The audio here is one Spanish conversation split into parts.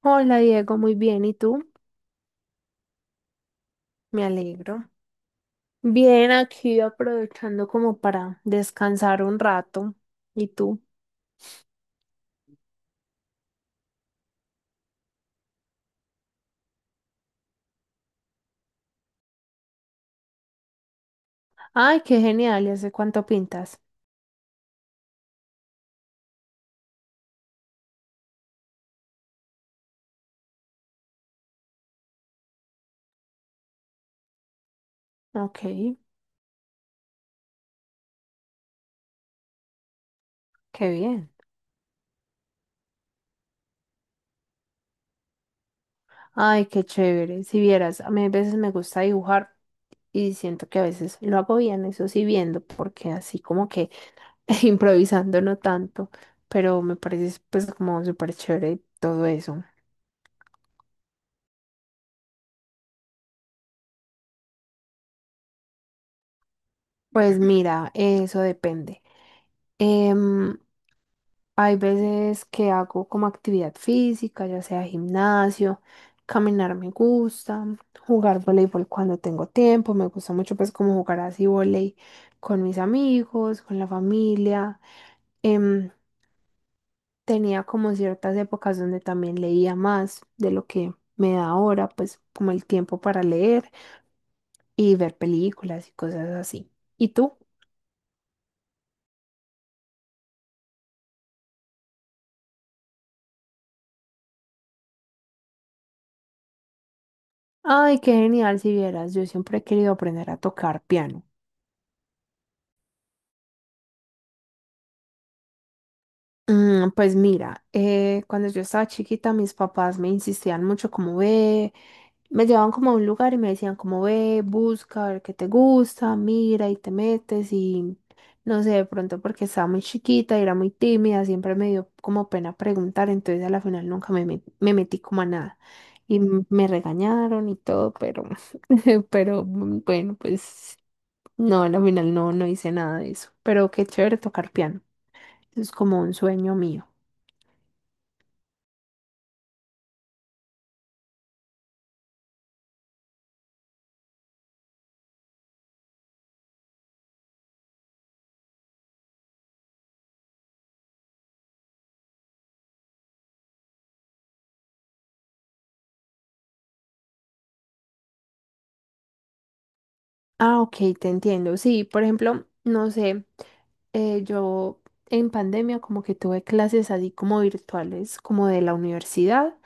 Hola Diego, muy bien. ¿Y tú? Me alegro. Bien, aquí aprovechando como para descansar un rato. ¿Y tú? Ay, qué genial. ¿Y hace cuánto pintas? Ok, qué bien. Ay, qué chévere. Si vieras, a mí a veces me gusta dibujar y siento que a veces lo hago bien, eso sí viendo, porque así como que improvisando no tanto, pero me parece pues como súper chévere todo eso. Pues mira, eso depende. Em, Hay veces que hago como actividad física, ya sea gimnasio, caminar me gusta, jugar voleibol cuando tengo tiempo, me gusta mucho pues como jugar así voleibol con mis amigos, con la familia. Em, Tenía como ciertas épocas donde también leía más de lo que me da ahora, pues como el tiempo para leer y ver películas y cosas así. ¿Y tú? Ay, qué genial si vieras, yo siempre he querido aprender a tocar piano. Mm, pues mira, cuando yo estaba chiquita, mis papás me insistían mucho como ve, me llevaban como a un lugar y me decían como ve, busca, a ver qué te gusta, mira y te metes y no sé, de pronto porque estaba muy chiquita y era muy tímida, siempre me dio como pena preguntar, entonces a la final nunca me metí como a nada y me regañaron y todo, pero, pero bueno, pues no, a la final no, no hice nada de eso, pero qué chévere tocar piano. Eso es como un sueño mío. Ah, ok, te entiendo. Sí, por ejemplo, no sé, yo en pandemia como que tuve clases así como virtuales, como de la universidad,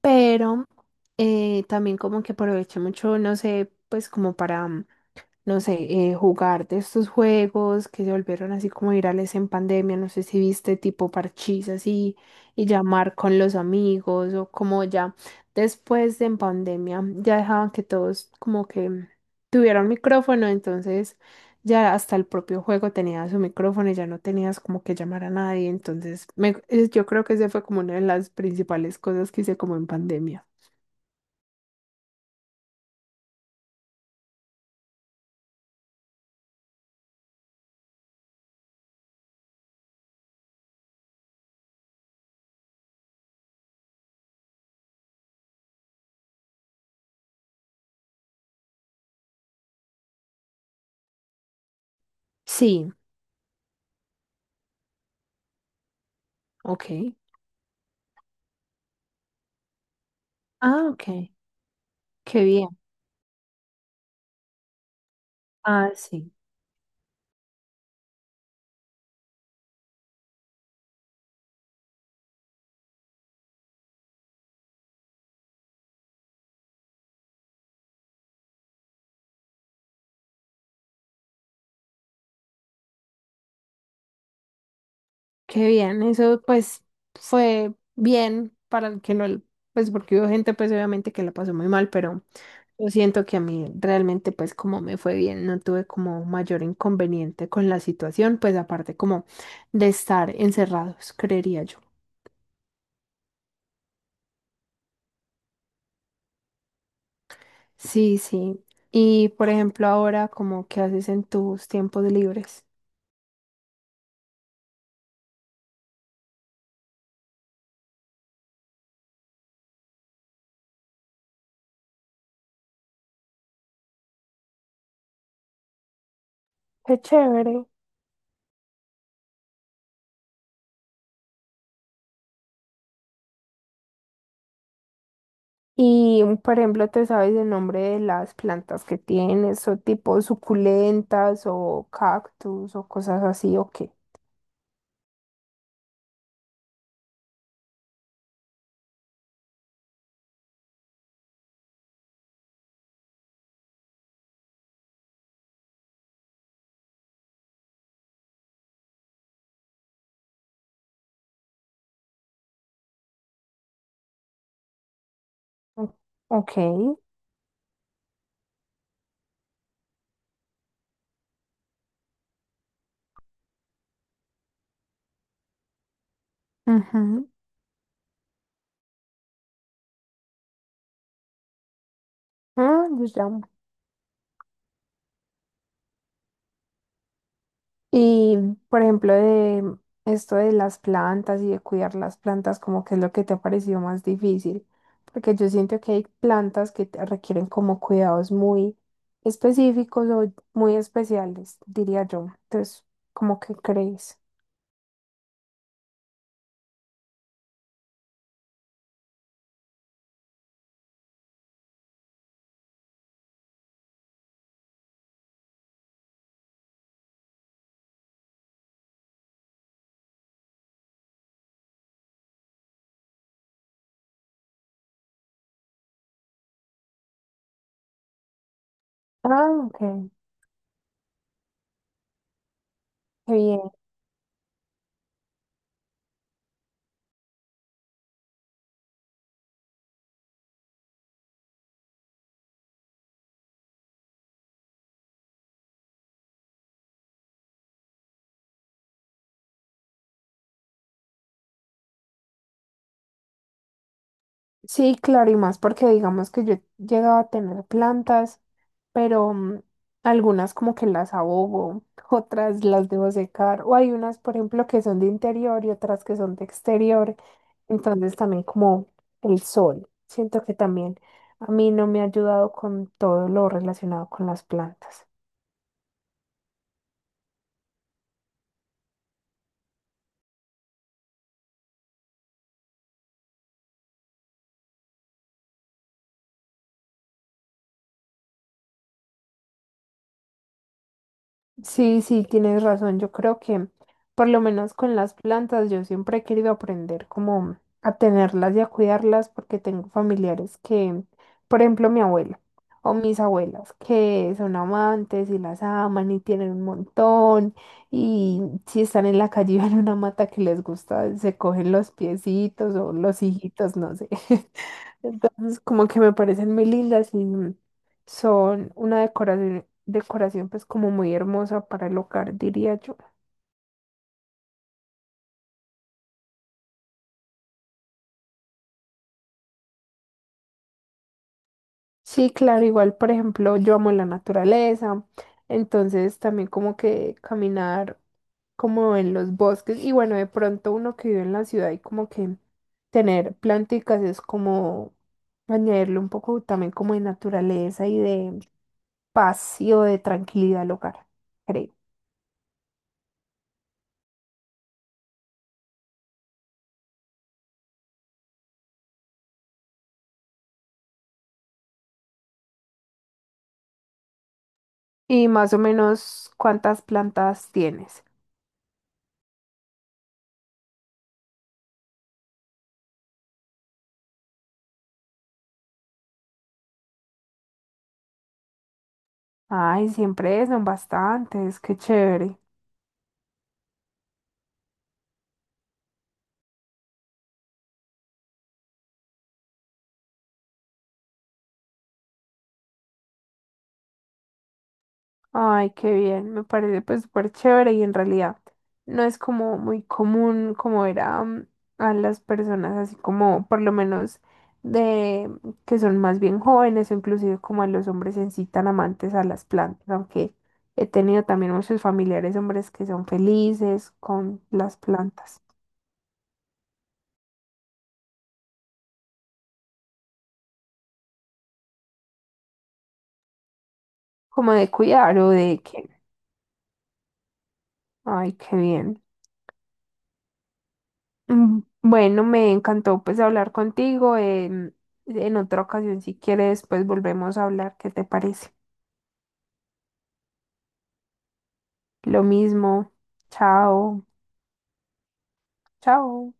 pero también como que aproveché mucho, no sé, pues como para... no sé, jugar de estos juegos que se volvieron así como virales en pandemia, no sé si viste tipo parchís así y llamar con los amigos o como ya después de en pandemia ya dejaban que todos como que tuvieran micrófono, entonces ya hasta el propio juego tenía su micrófono y ya no tenías como que llamar a nadie, entonces yo creo que esa fue como una de las principales cosas que hice como en pandemia. Sí, ok. Ah, ok. Qué bien. Ah, sí. Qué bien, eso pues fue bien para el que no, pues porque hubo gente pues obviamente que la pasó muy mal, pero yo siento que a mí realmente pues como me fue bien, no tuve como mayor inconveniente con la situación, pues aparte como de estar encerrados, creería yo. Sí, sí. Y por ejemplo ahora como qué haces en tus tiempos libres. Qué chévere. Y, por ejemplo, ¿te sabes el nombre de las plantas que tienes, o tipo suculentas, o cactus, o cosas así, o qué? O- Ok. Ujú. Ah. Y, por ejemplo, de esto de las plantas y de cuidar las plantas, como que es lo que te ha parecido más difícil, porque yo siento que hay plantas que te requieren como cuidados muy específicos o muy especiales, diría yo. Entonces, ¿cómo que crees? Ah, ok. Qué bien. Sí, claro, y más porque digamos que yo llegaba a tener plantas, pero algunas como que las abogo, otras las debo secar, o hay unas, por ejemplo, que son de interior y otras que son de exterior, entonces también como el sol, siento que también a mí no me ha ayudado con todo lo relacionado con las plantas. Sí, sí, tienes razón. Yo creo que por lo menos con las plantas yo siempre he querido aprender como a tenerlas y a cuidarlas porque tengo familiares que, por ejemplo, mi abuela o mis abuelas que son amantes y las aman y tienen un montón y si están en la calle y ven una mata que les gusta, se cogen los piecitos o los hijitos, no sé. Entonces, como que me parecen muy lindas y son una decoración, decoración pues como muy hermosa para el hogar, diría yo. Sí, claro, igual, por ejemplo, yo amo la naturaleza, entonces también como que caminar como en los bosques y bueno, de pronto uno que vive en la ciudad y como que tener planticas es como añadirle un poco también como de naturaleza y de paz y o de tranquilidad al hogar, creo. Y más o menos, ¿cuántas plantas tienes? Ay, siempre son bastantes, qué chévere. Ay, qué bien, me parece pues súper chévere y en realidad no es como muy común como ver a, a las personas así como por lo menos de que son más bien jóvenes o inclusive como a los hombres en sí tan amantes a las plantas, aunque he tenido también muchos familiares hombres que son felices con las plantas, como de cuidar o de que, ay, qué bien. Bueno, me encantó pues hablar contigo. em, en otra ocasión, si quieres, pues volvemos a hablar. ¿Qué te parece? Lo mismo. Chao. Chao.